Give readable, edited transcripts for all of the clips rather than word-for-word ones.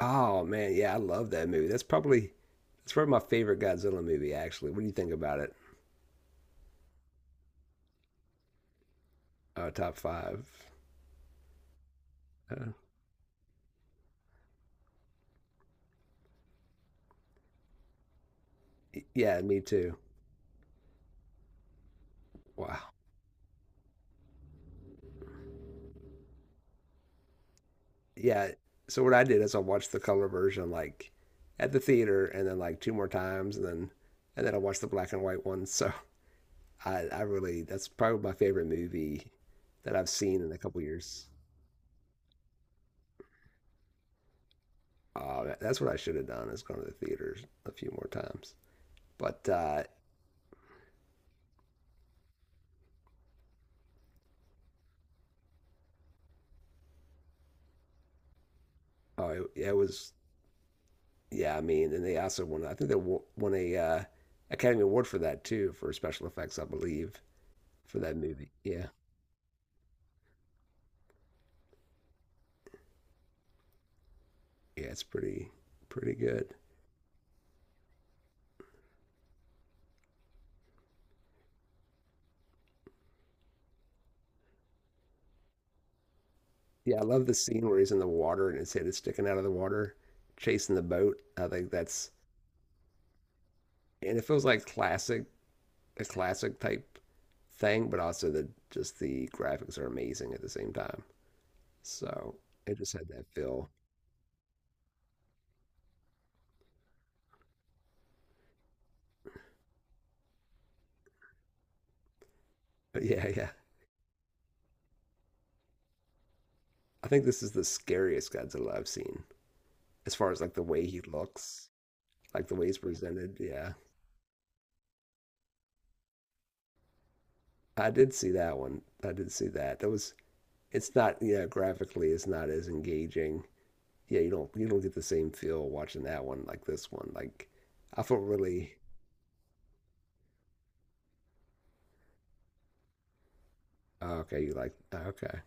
Oh man, yeah, I love that movie. That's probably my favorite Godzilla movie. Actually, what do you think about it? Top five. Uh, yeah, me too. Wow. Yeah. So what I did is I watched the color version like at the theater, and then like two more times, and then I watched the black and white one. So I really, that's probably my favorite movie that I've seen in a couple years. Oh, that's what I should have done, is gone to the theaters a few more times. But oh, it was. Yeah, I mean, and they also won. I think they won a Academy Award for that too, for special effects, I believe, for that movie. Yeah, yeah, it's pretty good. Yeah, I love the scene where he's in the water and his head is sticking out of the water, chasing the boat. I think that's, and it feels like classic, a classic type thing, but also the just the graphics are amazing at the same time. So it just had that feel. But yeah, yeah, I think this is the scariest Godzilla I've seen, as far as like the way he looks, like the way it's presented. Yeah, I did see that one. I did see that. That was. It's not. Yeah, graphically, it's not as engaging. Yeah, you don't. You don't get the same feel watching that one like this one. Like, I felt really. Oh, okay, you like. Oh, okay,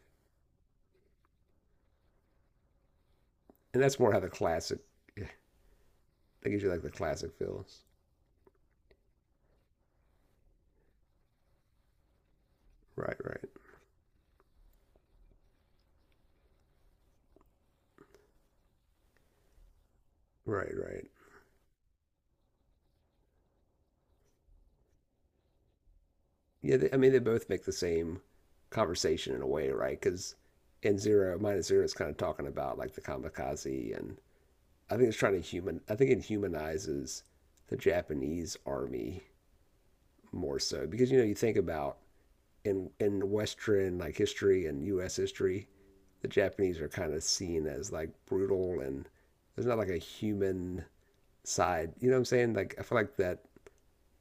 and that's more how the classic. Yeah, that gives you like the classic feels. Right. Right. Right. Right. Yeah. They, I mean, they both make the same conversation in a way, right? Because in zero minus zero is kind of talking about like the kamikaze, and I think it's trying to human. I think it humanizes the Japanese army more so, because you know you think about in Western like history and U.S. history, the Japanese are kind of seen as like brutal, and there's not like a human side. You know what I'm saying? Like I feel like that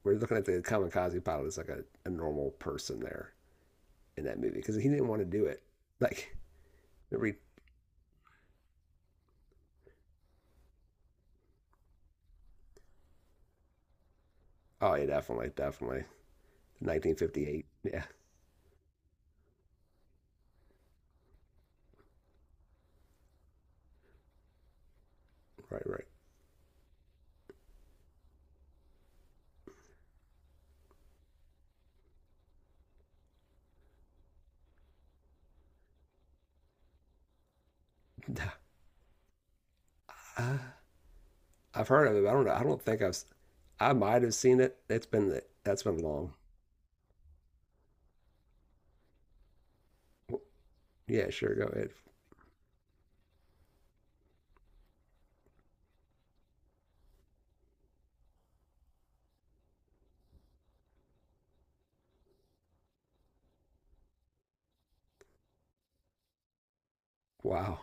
we're looking at the kamikaze pilot as like a normal person there in that movie, because he didn't want to do it. Like every oh yeah, definitely, definitely, 1958, yeah, right, right. Uh, I've heard of it. But I don't know. I don't think I've. S- I have I might have seen it. It's been, that's been long. Yeah, sure. Go ahead. Wow.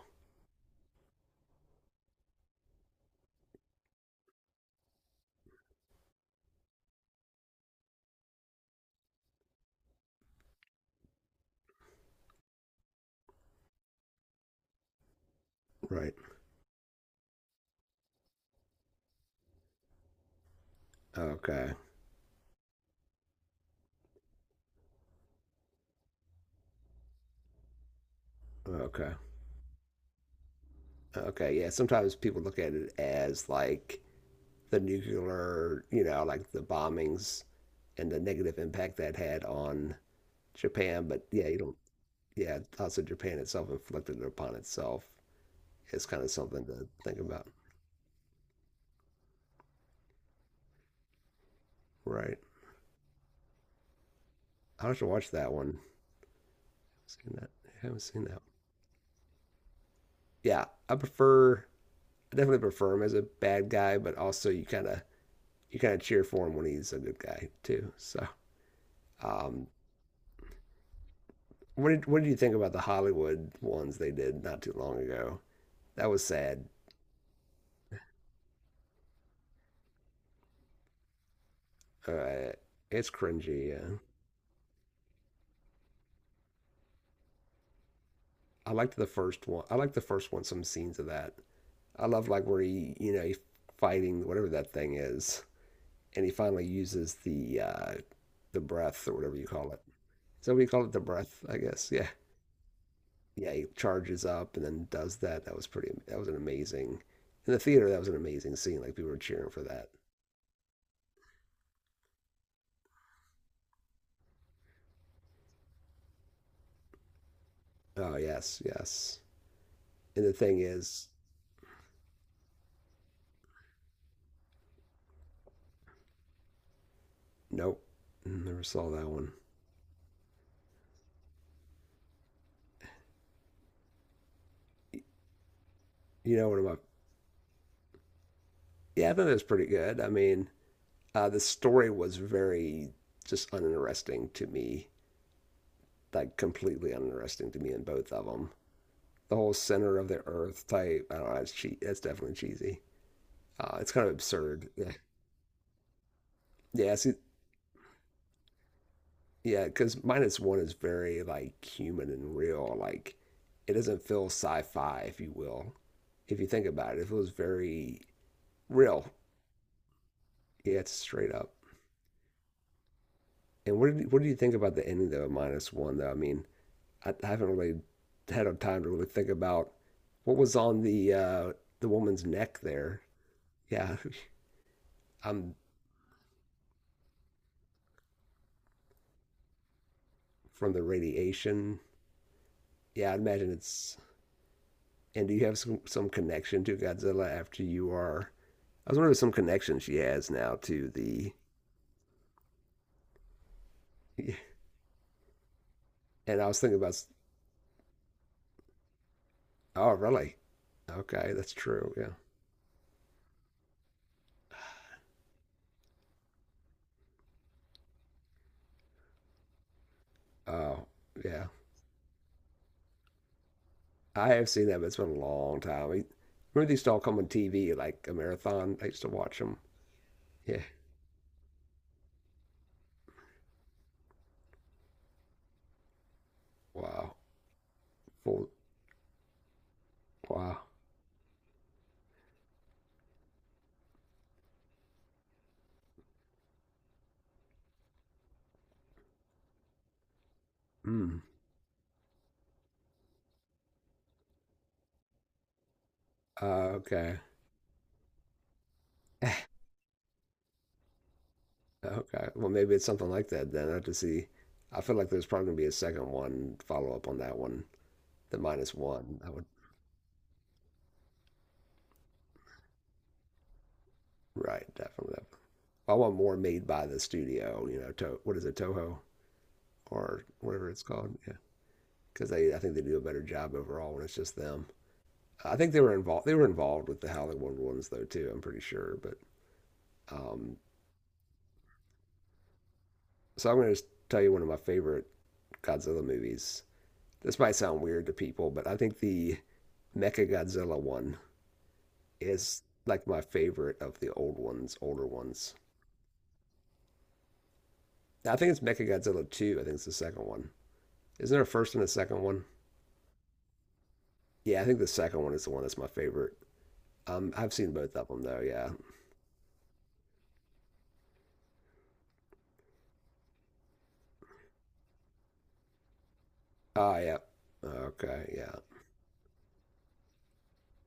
Right. Okay. Okay. Okay. Yeah. Sometimes people look at it as like the nuclear, you know, like the bombings and the negative impact that had on Japan. But yeah, you don't. Yeah, also Japan itself inflicted it upon itself. It's kind of something to think about. Right. I should watch that one. Seen that? I haven't seen that. Yeah, I definitely prefer him as a bad guy, but also you kind of, you kind of cheer for him when he's a good guy too. So, um, what did you think about the Hollywood ones they did not too long ago? That was sad. Uh, it's cringy. Yeah. I liked the first one. I liked the first one. Some scenes of that. I love like where he, you know, he fighting whatever that thing is, and he finally uses the breath or whatever you call it. So we call it the breath, I guess. Yeah, yeah, he charges up and then does that. That was pretty. That was an amazing. In the theater, that was an amazing scene. Like people were cheering for that. Oh yes, yes. And the thing is, nope, never saw that one. You know what I'm up? Yeah, I thought it was pretty good. I mean, the story was very just uninteresting to me. Like completely uninteresting to me in both of them. The whole center of the earth type. I don't know. That's definitely cheesy. It's kind of absurd. Yeah, yeah. See, yeah, because minus one is very like human and real. Like it doesn't feel sci-fi, if you will. If you think about it, it feels very real. Yeah, it's straight up. And what do you think about the ending though of minus one though? I mean, I haven't really had a time to really think about what was on the woman's neck there. Yeah, I'm from the radiation. Yeah, I imagine it's. And do you have some connection to Godzilla after you are. I was wondering some connection she has now to the. And I was thinking about, oh, really? Okay, that's true. Yeah. Oh, yeah. I have seen that, but it's been a long time. I- Remember they used to all come on TV like a marathon? I used to watch them. Yeah. Wow. Full. Wow. Mm. Okay. Okay. Well, maybe it's something like that then. I have to see. I feel like there's probably gonna be a second one follow up on that one. The minus one. That would right. Definitely. I want more made by the studio. You know, to, what is it, Toho or whatever it's called? Yeah, because they, I think they do a better job overall when it's just them. I think they were involved. They were involved with the Howling World ones though too. I'm pretty sure. But um, so I'm going to just tell you one of my favorite Godzilla movies. This might sound weird to people, but I think the Mechagodzilla one is like my favorite of the old ones, older ones. I think it's Mechagodzilla two. I think it's the second one. Isn't there a first and a second one? Yeah, I think the second one is the one that's my favorite. I've seen both of them though. Yeah. Oh, yeah. Okay. Yeah.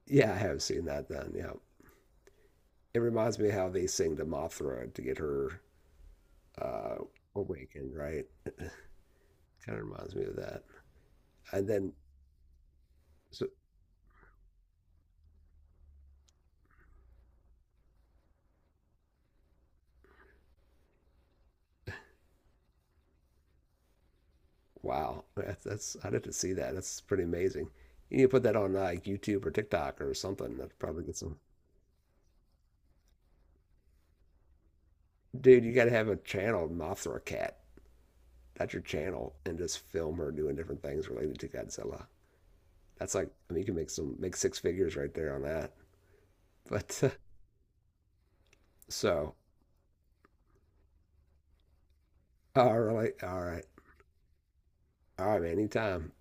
Yeah, I have seen that then. Yeah. It reminds me how they sing to Mothra to get her uh, awakened, right? Kind of reminds me of that. And then, so, wow, that's, I didn't see that. That's pretty amazing. You need to put that on like YouTube or TikTok or something. That'd probably get some. Dude, you got to have a channel, Mothra Cat. That's your channel, and just film her doing different things related to Godzilla. That's like, I mean, you can make some make six figures right there on that. But so, all right, all right, all right, anytime.